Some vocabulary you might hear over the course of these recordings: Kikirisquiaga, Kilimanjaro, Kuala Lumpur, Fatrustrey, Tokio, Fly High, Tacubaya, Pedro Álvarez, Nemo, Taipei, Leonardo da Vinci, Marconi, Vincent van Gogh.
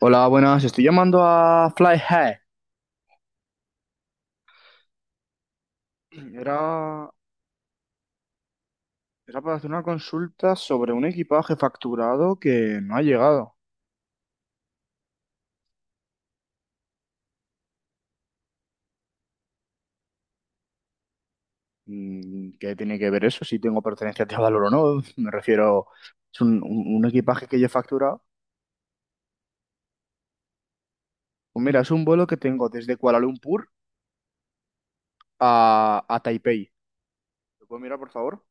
Hola, buenas. Estoy llamando a Fly High. Era, era para hacer una consulta sobre un equipaje facturado que no ha llegado. ¿Qué tiene que ver eso? Si tengo pertenencias de valor o no. Me refiero, es un equipaje que yo he facturado. Pues mira, es un vuelo que tengo desde Kuala Lumpur a Taipei. ¿Lo puedo mirar, por favor?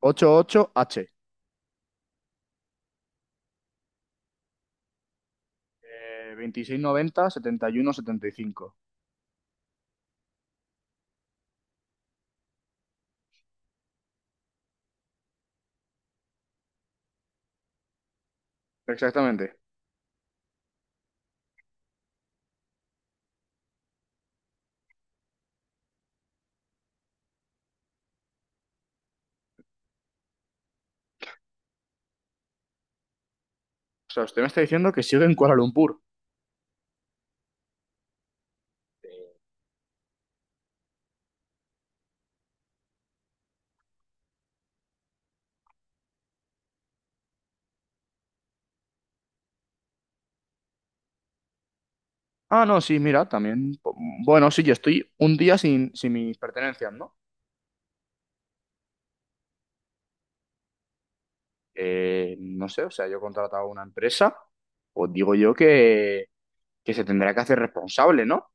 5776H. 26 90 71 75. Exactamente. O sea, usted me está diciendo que sigue en Kuala Lumpur. Eh, Ah, no, sí, mira, también. Bueno, sí, yo estoy un día sin mis pertenencias, ¿no? No sé, o sea, yo he contratado a una empresa, pues digo yo que se tendrá que hacer responsable, ¿no?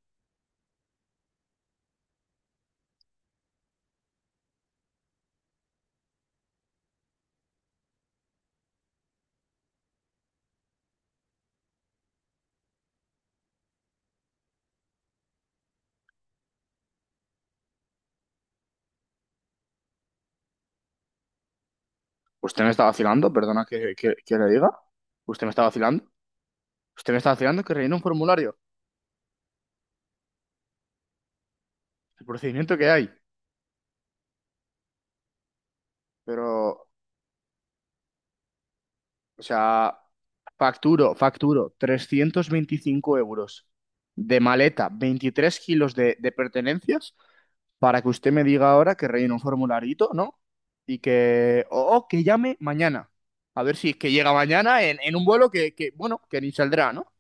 Usted me está vacilando, perdona que le diga. Usted me está vacilando. Usted me está vacilando que rellene un formulario, el procedimiento que hay. Pero, o sea, facturo 325 € de maleta, 23 kilos de pertenencias. Para que usted me diga ahora que rellene un formularito, ¿no? Y que, o que llame mañana. A ver si es que llega mañana en un vuelo que, bueno, que ni saldrá, ¿no?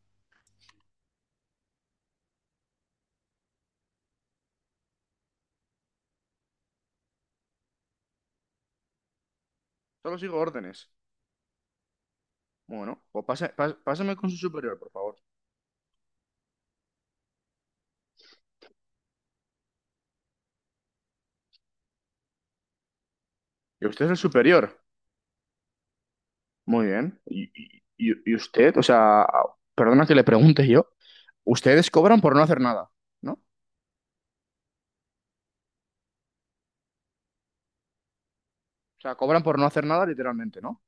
Solo sigo órdenes. Bueno, pues pásame con su superior, por favor. ¿Y usted es el superior? Muy bien. ¿Y usted? O sea, perdona que le pregunte yo. Ustedes cobran por no hacer nada, ¿no? O sea, cobran por no hacer nada literalmente, ¿no?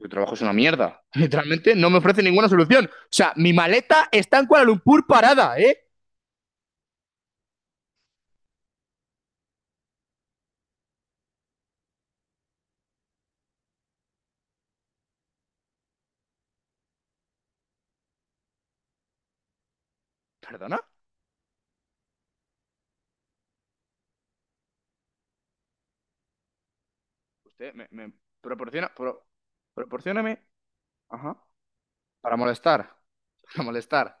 Mi trabajo es una mierda. Literalmente no me ofrece ninguna solución. O sea, mi maleta está en Kuala Lumpur parada, ¿eh? ¿Perdona? Usted me proporciona, proporcióname, ajá, para molestar, para molestar.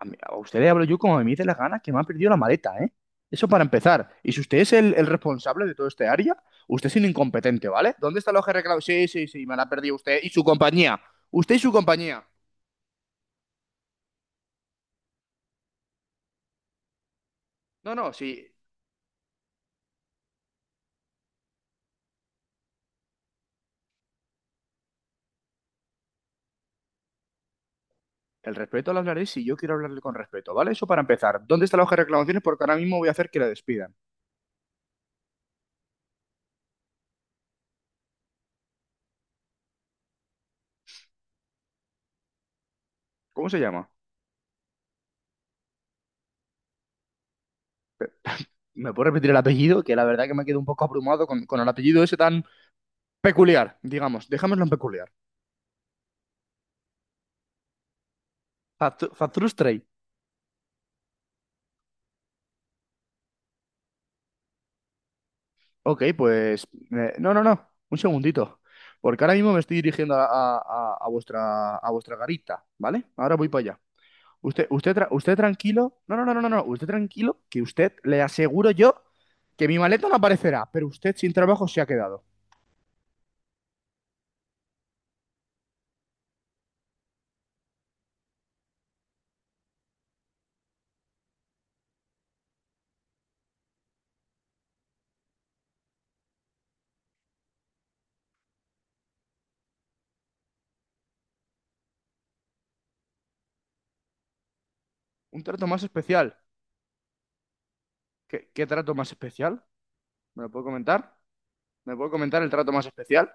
A usted le hablo yo como me dice la gana, que me ha perdido la maleta, ¿eh? Eso para empezar. Y si usted es el responsable de todo este área, usted es un incompetente, ¿vale? ¿Dónde está el ojo reclamo? Sí, sí, sí, me la ha perdido usted y su compañía. Usted y su compañía. No, no, sí. El respeto lo hablaré si yo quiero hablarle con respeto, ¿vale? Eso para empezar. ¿Dónde está la hoja de reclamaciones? Porque ahora mismo voy a hacer que la despidan. ¿Cómo se llama? ¿Me puedo repetir el apellido? Que la verdad que me quedo un poco abrumado con el apellido ese tan peculiar, digamos. Dejémoslo en peculiar. Fatrustrey. Ok, pues... no, no, no. Un segundito. Porque ahora mismo me estoy dirigiendo a, a vuestra, a vuestra garita, ¿vale? Ahora voy para allá. Usted tranquilo. No, no, no, no, no, no. Usted tranquilo, que usted le aseguro yo que mi maleta no aparecerá, pero usted sin trabajo se ha quedado. Un trato más especial. ¿Qué trato más especial? ¿Me lo puedo comentar? ¿Me puedo comentar el trato más especial?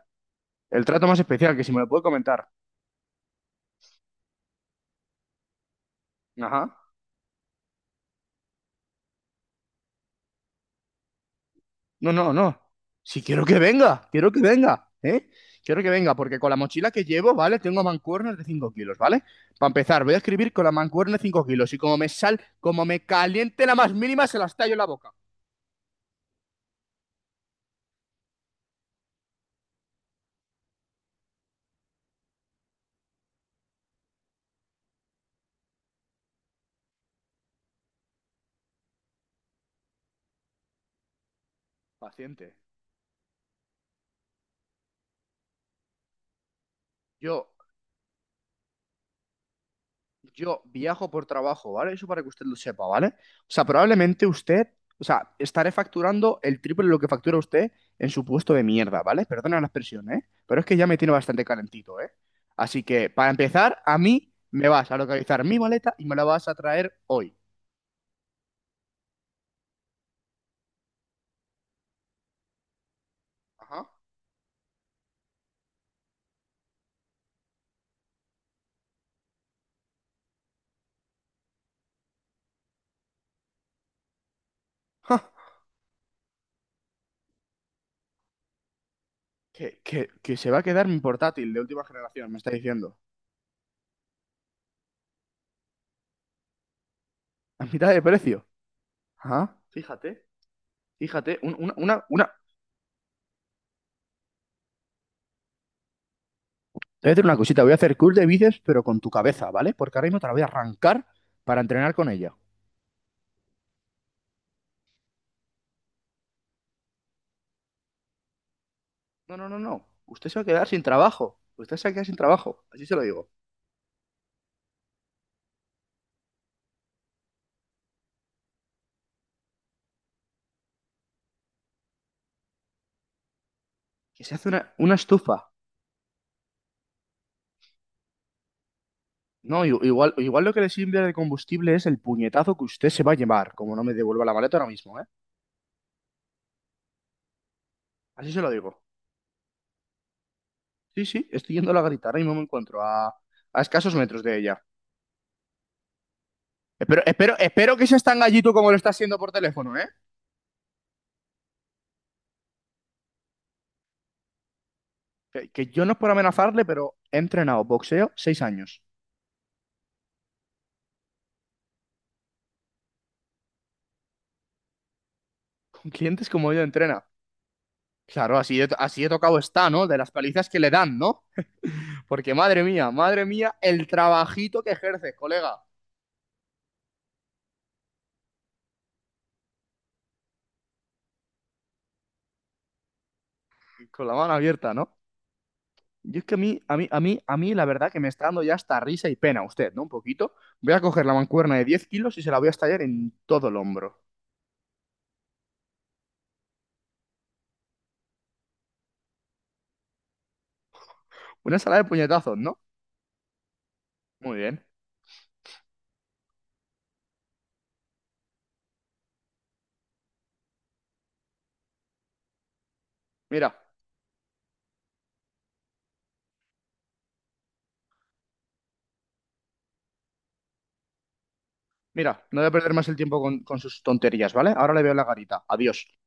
El trato más especial, que si me lo puede comentar. Ajá. No, no, no. Si quiero que venga, quiero que venga, ¿eh? Quiero que venga, porque con la mochila que llevo, ¿vale? Tengo mancuernas de 5 kilos, ¿vale? Para empezar, voy a escribir con la mancuerna de 5 kilos y como me sal, como me caliente la más mínima, se las tallo en la boca. Paciente. Yo Yo viajo por trabajo, ¿vale? Eso para que usted lo sepa, ¿vale? O sea, probablemente usted, o sea, estaré facturando el triple de lo que factura usted en su puesto de mierda, ¿vale? Perdona la expresión, ¿eh? Pero es que ya me tiene bastante calentito, ¿eh? Así que, para empezar, a mí me vas a localizar mi maleta y me la vas a traer hoy. Ajá. Ja, Que se va a quedar mi portátil de última generación, me está diciendo. A mitad de precio. Ajá. Fíjate, fíjate, una, Te voy a hacer una cosita, voy a hacer curl de bíceps, pero con tu cabeza, ¿vale? Porque ahora mismo te la voy a arrancar para entrenar con ella. No, no, no, no. Usted se va a quedar sin trabajo. Usted se va a quedar sin trabajo. Así se lo digo. Que se hace una estufa. No, igual, igual lo que le sirve de combustible es el puñetazo que usted se va a llevar, como no me devuelva la maleta ahora mismo, ¿eh? Así se lo digo. Sí, sí, estoy yendo a la garita. Ahora mismo me encuentro a escasos metros de ella. Espero que seas tan gallito como lo está haciendo por teléfono, ¿eh? Que yo no es por amenazarle, pero he entrenado boxeo 6 años. Con clientes como yo entrena. Claro, así de tocado está, ¿no? De las palizas que le dan, ¿no? Porque madre mía, el trabajito que ejerces, colega. Con la mano abierta, ¿no? Yo es que a mí, la verdad que me está dando ya hasta risa y pena usted, ¿no? Un poquito. Voy a coger la mancuerna de 10 kilos y se la voy a estallar en todo el hombro. Una sala de puñetazos, ¿no? Muy bien. Mira, mira, no voy a perder más el tiempo con sus tonterías, ¿vale? Ahora le veo la garita. Adiós.